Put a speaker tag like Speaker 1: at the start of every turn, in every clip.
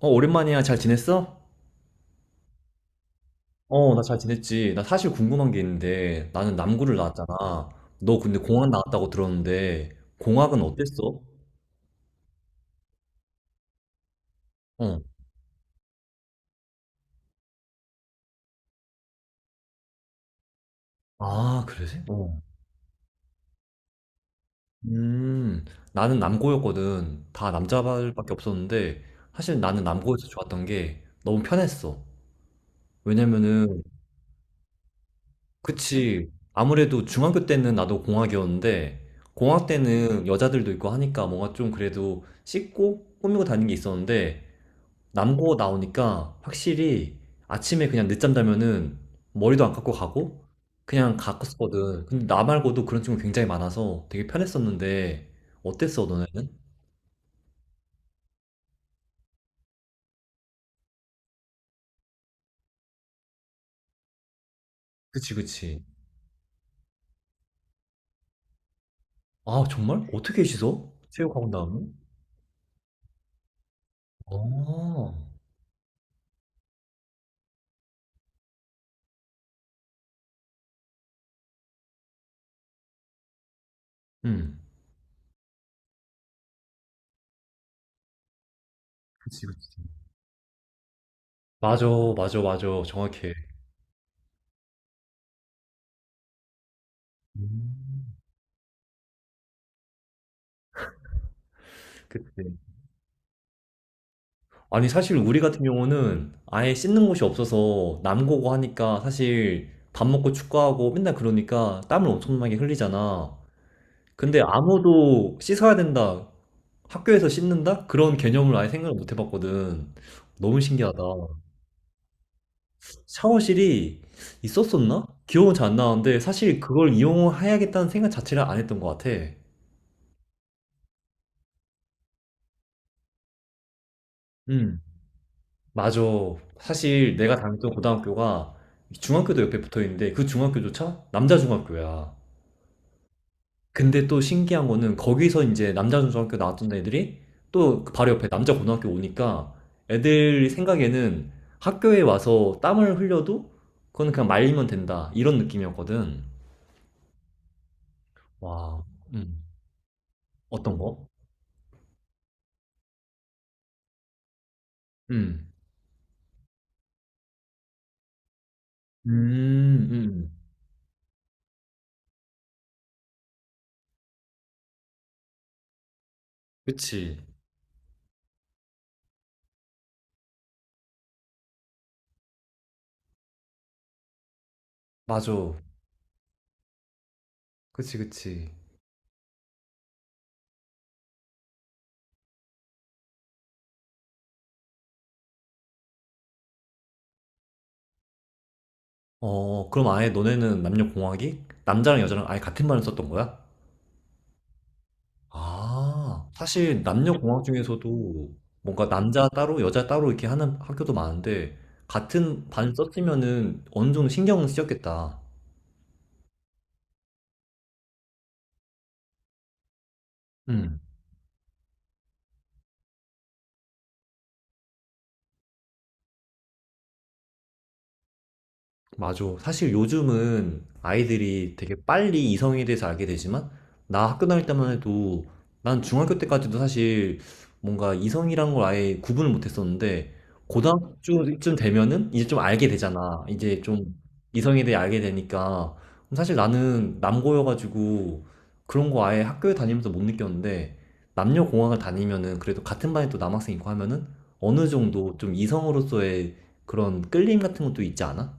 Speaker 1: 어, 오랜만이야. 잘 지냈어? 어, 나 잘 지냈지. 나 사실 궁금한 게 있는데, 나는 남구를 나왔잖아. 너 근데 공학 나왔다고 들었는데, 공학은 어땠어? 어. 아, 그래? 어. 음, 나는 남고였거든. 다 남자발밖에 없었는데, 사실 나는 남고에서 좋았던 게 너무 편했어. 왜냐면은, 그치. 아무래도 중학교 때는 나도 공학이었는데, 공학 때는 여자들도 있고 하니까 뭔가 좀 그래도 씻고 꾸미고 다니는 게 있었는데, 남고 나오니까 확실히 아침에 그냥 늦잠 자면은 머리도 안 깎고 가고 그냥 갔었거든. 근데 나 말고도 그런 친구 굉장히 많아서 되게 편했었는데 어땠어, 너네는? 그치, 그치. 아, 정말? 어떻게 씻어? 체육하고 나오면? 아, 응. 그치, 그치. 맞아, 맞아, 맞아. 정확해. 음. 그치. 아니, 사실 우리 같은 경우는 아예 씻는 곳이 없어서 남고고 하니까 사실 밥 먹고 축구하고 맨날 그러니까 땀을 엄청나게 흘리잖아. 근데 아무도 씻어야 된다. 학교에서 씻는다? 그런 개념을 아예 생각을 못 해봤거든. 너무 신기하다. 샤워실이 있었었나? 기억은 잘 안 나는데 사실 그걸 이용해야겠다는 생각 자체를 안 했던 것 같아. 맞아. 사실 내가 다녔던 고등학교가 중학교도 옆에 붙어 있는데 그 중학교조차 남자 중학교야. 근데 또 신기한 거는 거기서 이제 남자 중학교 나왔던 애들이 또그 바로 옆에 남자 고등학교 오니까 애들 생각에는 학교에 와서 땀을 흘려도 그건 그냥 말리면 된다. 이런 느낌이었거든. 와, 음. 어떤 거? 음. 음, 음. 그치. 맞아. 그치, 그치. 어, 그럼 아예 너네는 남녀공학이 남자랑 여자랑 아예 같은 말을 썼던 거야? 아, 사실 남녀공학 중에서도 뭔가 남자 따로 여자 따로 이렇게 하는 학교도 많은데 같은 반 썼으면은 어느 정도 신경은 쓰였겠다. 음. 맞아. 사실 요즘은 아이들이 되게 빨리 이성에 대해서 알게 되지만, 나 학교 다닐 때만 해도, 난 중학교 때까지도 사실 뭔가 이성이란 걸 아예 구분을 못 했었는데, 고등학교쯤 되면은 이제 좀 알게 되잖아. 이제 좀 이성에 대해 알게 되니까. 그럼 사실 나는 남고여가지고 그런 거 아예 학교에 다니면서 못 느꼈는데, 남녀공학을 다니면은 그래도 같은 반에 또 남학생 있고 하면은 어느 정도 좀 이성으로서의 그런 끌림 같은 것도 있지 않아?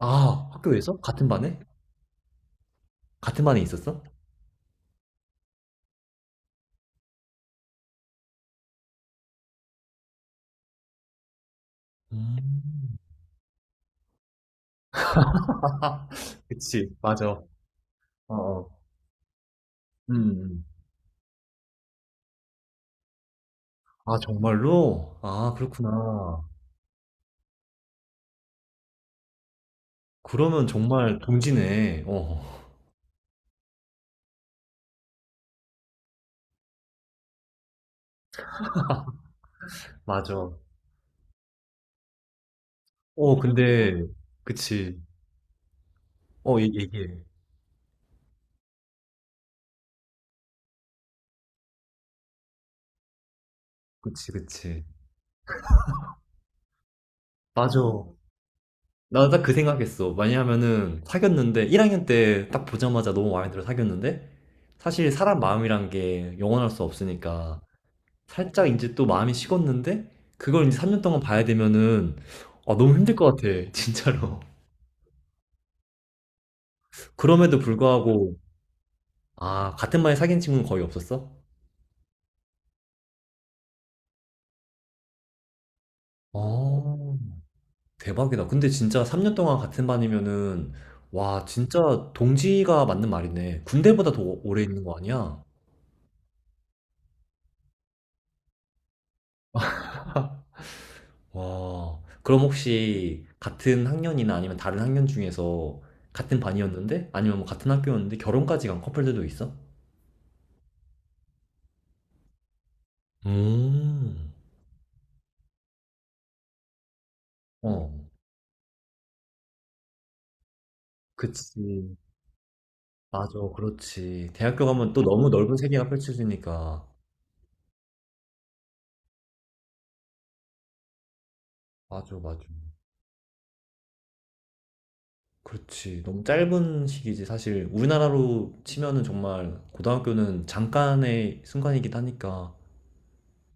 Speaker 1: 아, 학교에서? 같은 반에? 같은 반에 있었어? 음. 그치, 맞아. 어, 어. 음, 음. 아, 정말로? 아, 그렇구나. 그러면 정말 동지네. 어, 맞아. 어, 근데, 그치. 어, 얘기해. 그치, 그치. 맞아. 나 딱 그 생각했어. 왜냐하면은, 사귀었는데, 1학년 때 딱 보자마자 너무 마음에 들어 사귀었는데, 사실 사람 마음이란 게 영원할 수 없으니까, 살짝 인제 또 마음이 식었는데 그걸 이제 3년 동안 봐야 되면은 아 너무 힘들 것 같아 진짜로. 그럼에도 불구하고 아 같은 반에 사귄 친구는 거의 없었어? 어. 대박이다. 근데 진짜 3년 동안 같은 반이면은 와 진짜 동지가 맞는 말이네. 군대보다 더 오래 있는 거 아니야? 와. 그럼 혹시 같은 학년이나 아니면 다른 학년 중에서 같은 반이었는데 아니면 뭐 같은 학교였는데 결혼까지 간 커플들도 있어? 음. 어. 그치. 맞아. 그렇지. 대학교 가면 또 너무 넓은 세계가 펼쳐지니까. 맞아, 맞아. 그렇지. 너무 짧은 시기지. 사실 우리나라로 치면은 정말 고등학교는 잠깐의 순간이긴 하니까.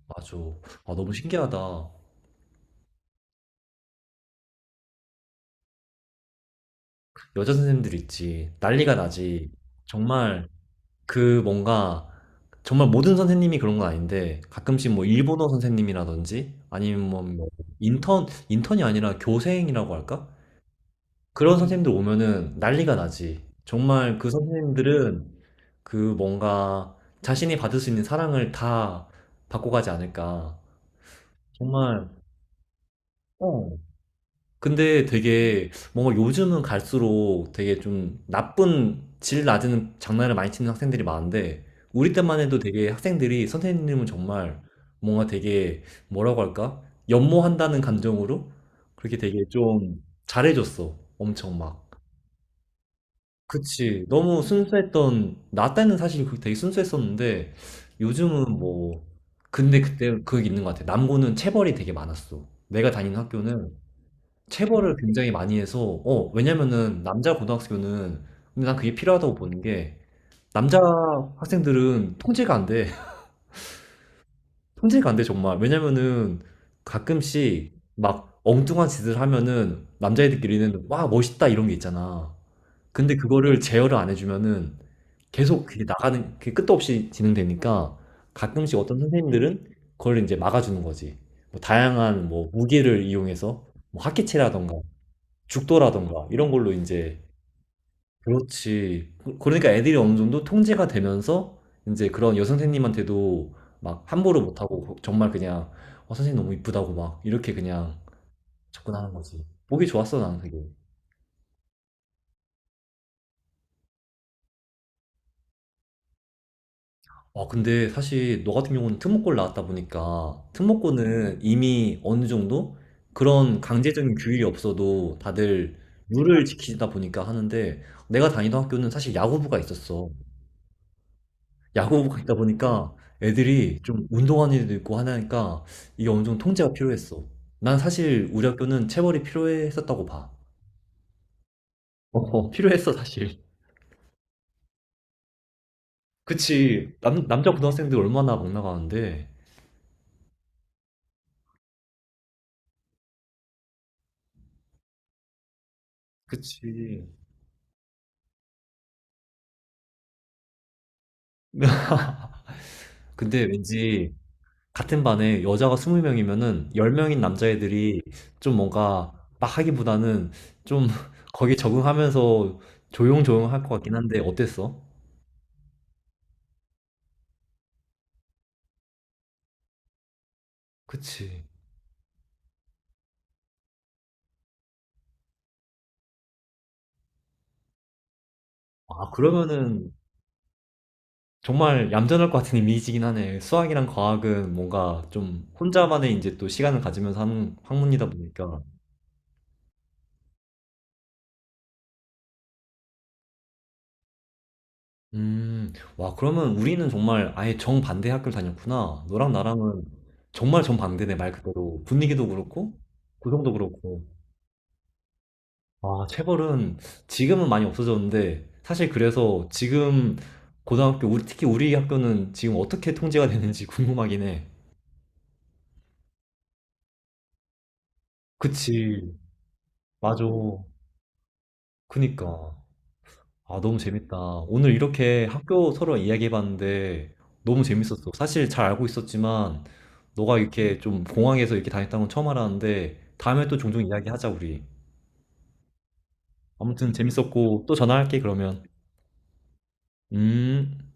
Speaker 1: 맞아. 아, 너무 신기하다. 여자 선생님들 있지. 난리가 나지. 정말 그 뭔가 정말 모든 선생님이 그런 건 아닌데 가끔씩 뭐 일본어 선생님이라든지 아니면 뭐 뭐, 인턴 인턴이 아니라 교생이라고 할까? 그런 선생님들 오면은 난리가 나지. 정말 그 선생님들은 그 뭔가 자신이 받을 수 있는 사랑을 다 받고 가지 않을까. 정말, 어. 근데 되게 뭔가 요즘은 갈수록 되게 좀 나쁜 질 낮은 장난을 많이 치는 학생들이 많은데, 우리 때만 해도 되게 학생들이 선생님은 정말 뭔가 되게 뭐라고 할까? 연모한다는 감정으로 그렇게 되게 좀 잘해줬어. 엄청 막. 그치. 너무 순수했던, 나 때는 사실 그게 되게 순수했었는데, 요즘은 뭐, 근데 그때 그게 있는 것 같아. 남고는 체벌이 되게 많았어. 내가 다니는 학교는 체벌을 굉장히 많이 해서, 어, 왜냐면은 남자 고등학교는, 근데 난 그게 필요하다고 보는 게, 남자 학생들은 통제가 안 돼. 통제가 안 돼, 정말. 왜냐면은 가끔씩 막 엉뚱한 짓을 하면은 남자애들끼리는 와, 멋있다 이런 게 있잖아. 근데 그거를 제어를 안 해주면은 계속 그게 나가는, 그게 끝도 없이 진행되니까 가끔씩 어떤 선생님들은 그걸 이제 막아주는 거지. 뭐 다양한 뭐 무기를 이용해서 뭐 학기체라던가 죽도라던가 이런 걸로 이제 그렇지. 그러니까 애들이 어느 정도 통제가 되면서 이제 그런 여선생님한테도 막 함부로 못하고 정말 그냥 어, 선생님 너무 이쁘다고 막 이렇게 그냥 접근하는 거지. 보기 좋았어, 나는 되게. 아, 근데 사실 너 같은 경우는 특목고를 나왔다 보니까 특목고는 이미 어느 정도 그런 강제적인 규율이 없어도 다들 룰을 지키다 보니까 하는데 내가 다니던 학교는 사실 야구부가 있었어. 야구부가 있다 보니까 애들이 좀 운동하는 애도 있고 하니까 이게 어느 정도 통제가 필요했어. 난 사실 우리 학교는 체벌이 필요했었다고 봐. 어, 필요했어, 사실. 그치. 남자 고등학생들 얼마나 막 나가는데. 그치. 근데 왠지 같은 반에 여자가 20명이면은 10명인 남자애들이 좀 뭔가 막 하기보다는 좀 거기 적응하면서 조용조용 할 것 같긴 한데 어땠어? 그치. 아, 그러면은 정말 얌전할 것 같은 이미지긴 하네. 수학이랑 과학은 뭔가 좀 혼자만의 이제 또 시간을 가지면서 하는 학문이다 보니까. 음, 와, 그러면 우리는 정말 아예 정반대 학교를 다녔구나. 너랑 나랑은 정말 정반대네, 말 그대로. 분위기도 그렇고, 구성도 그렇고. 아, 체벌은 지금은 많이 없어졌는데, 사실 그래서 지금 고등학교, 우리, 특히 우리 학교는 지금 어떻게 통제가 되는지 궁금하긴 해. 그치, 맞아. 그니까. 아, 너무 재밌다. 오늘 이렇게 학교 서로 이야기해봤는데, 너무 재밌었어. 사실 잘 알고 있었지만, 너가 이렇게 좀 공항에서 이렇게 다녔다는 건 처음 알았는데, 다음에 또 종종 이야기하자, 우리. 아무튼 재밌었고, 또 전화할게, 그러면. 음.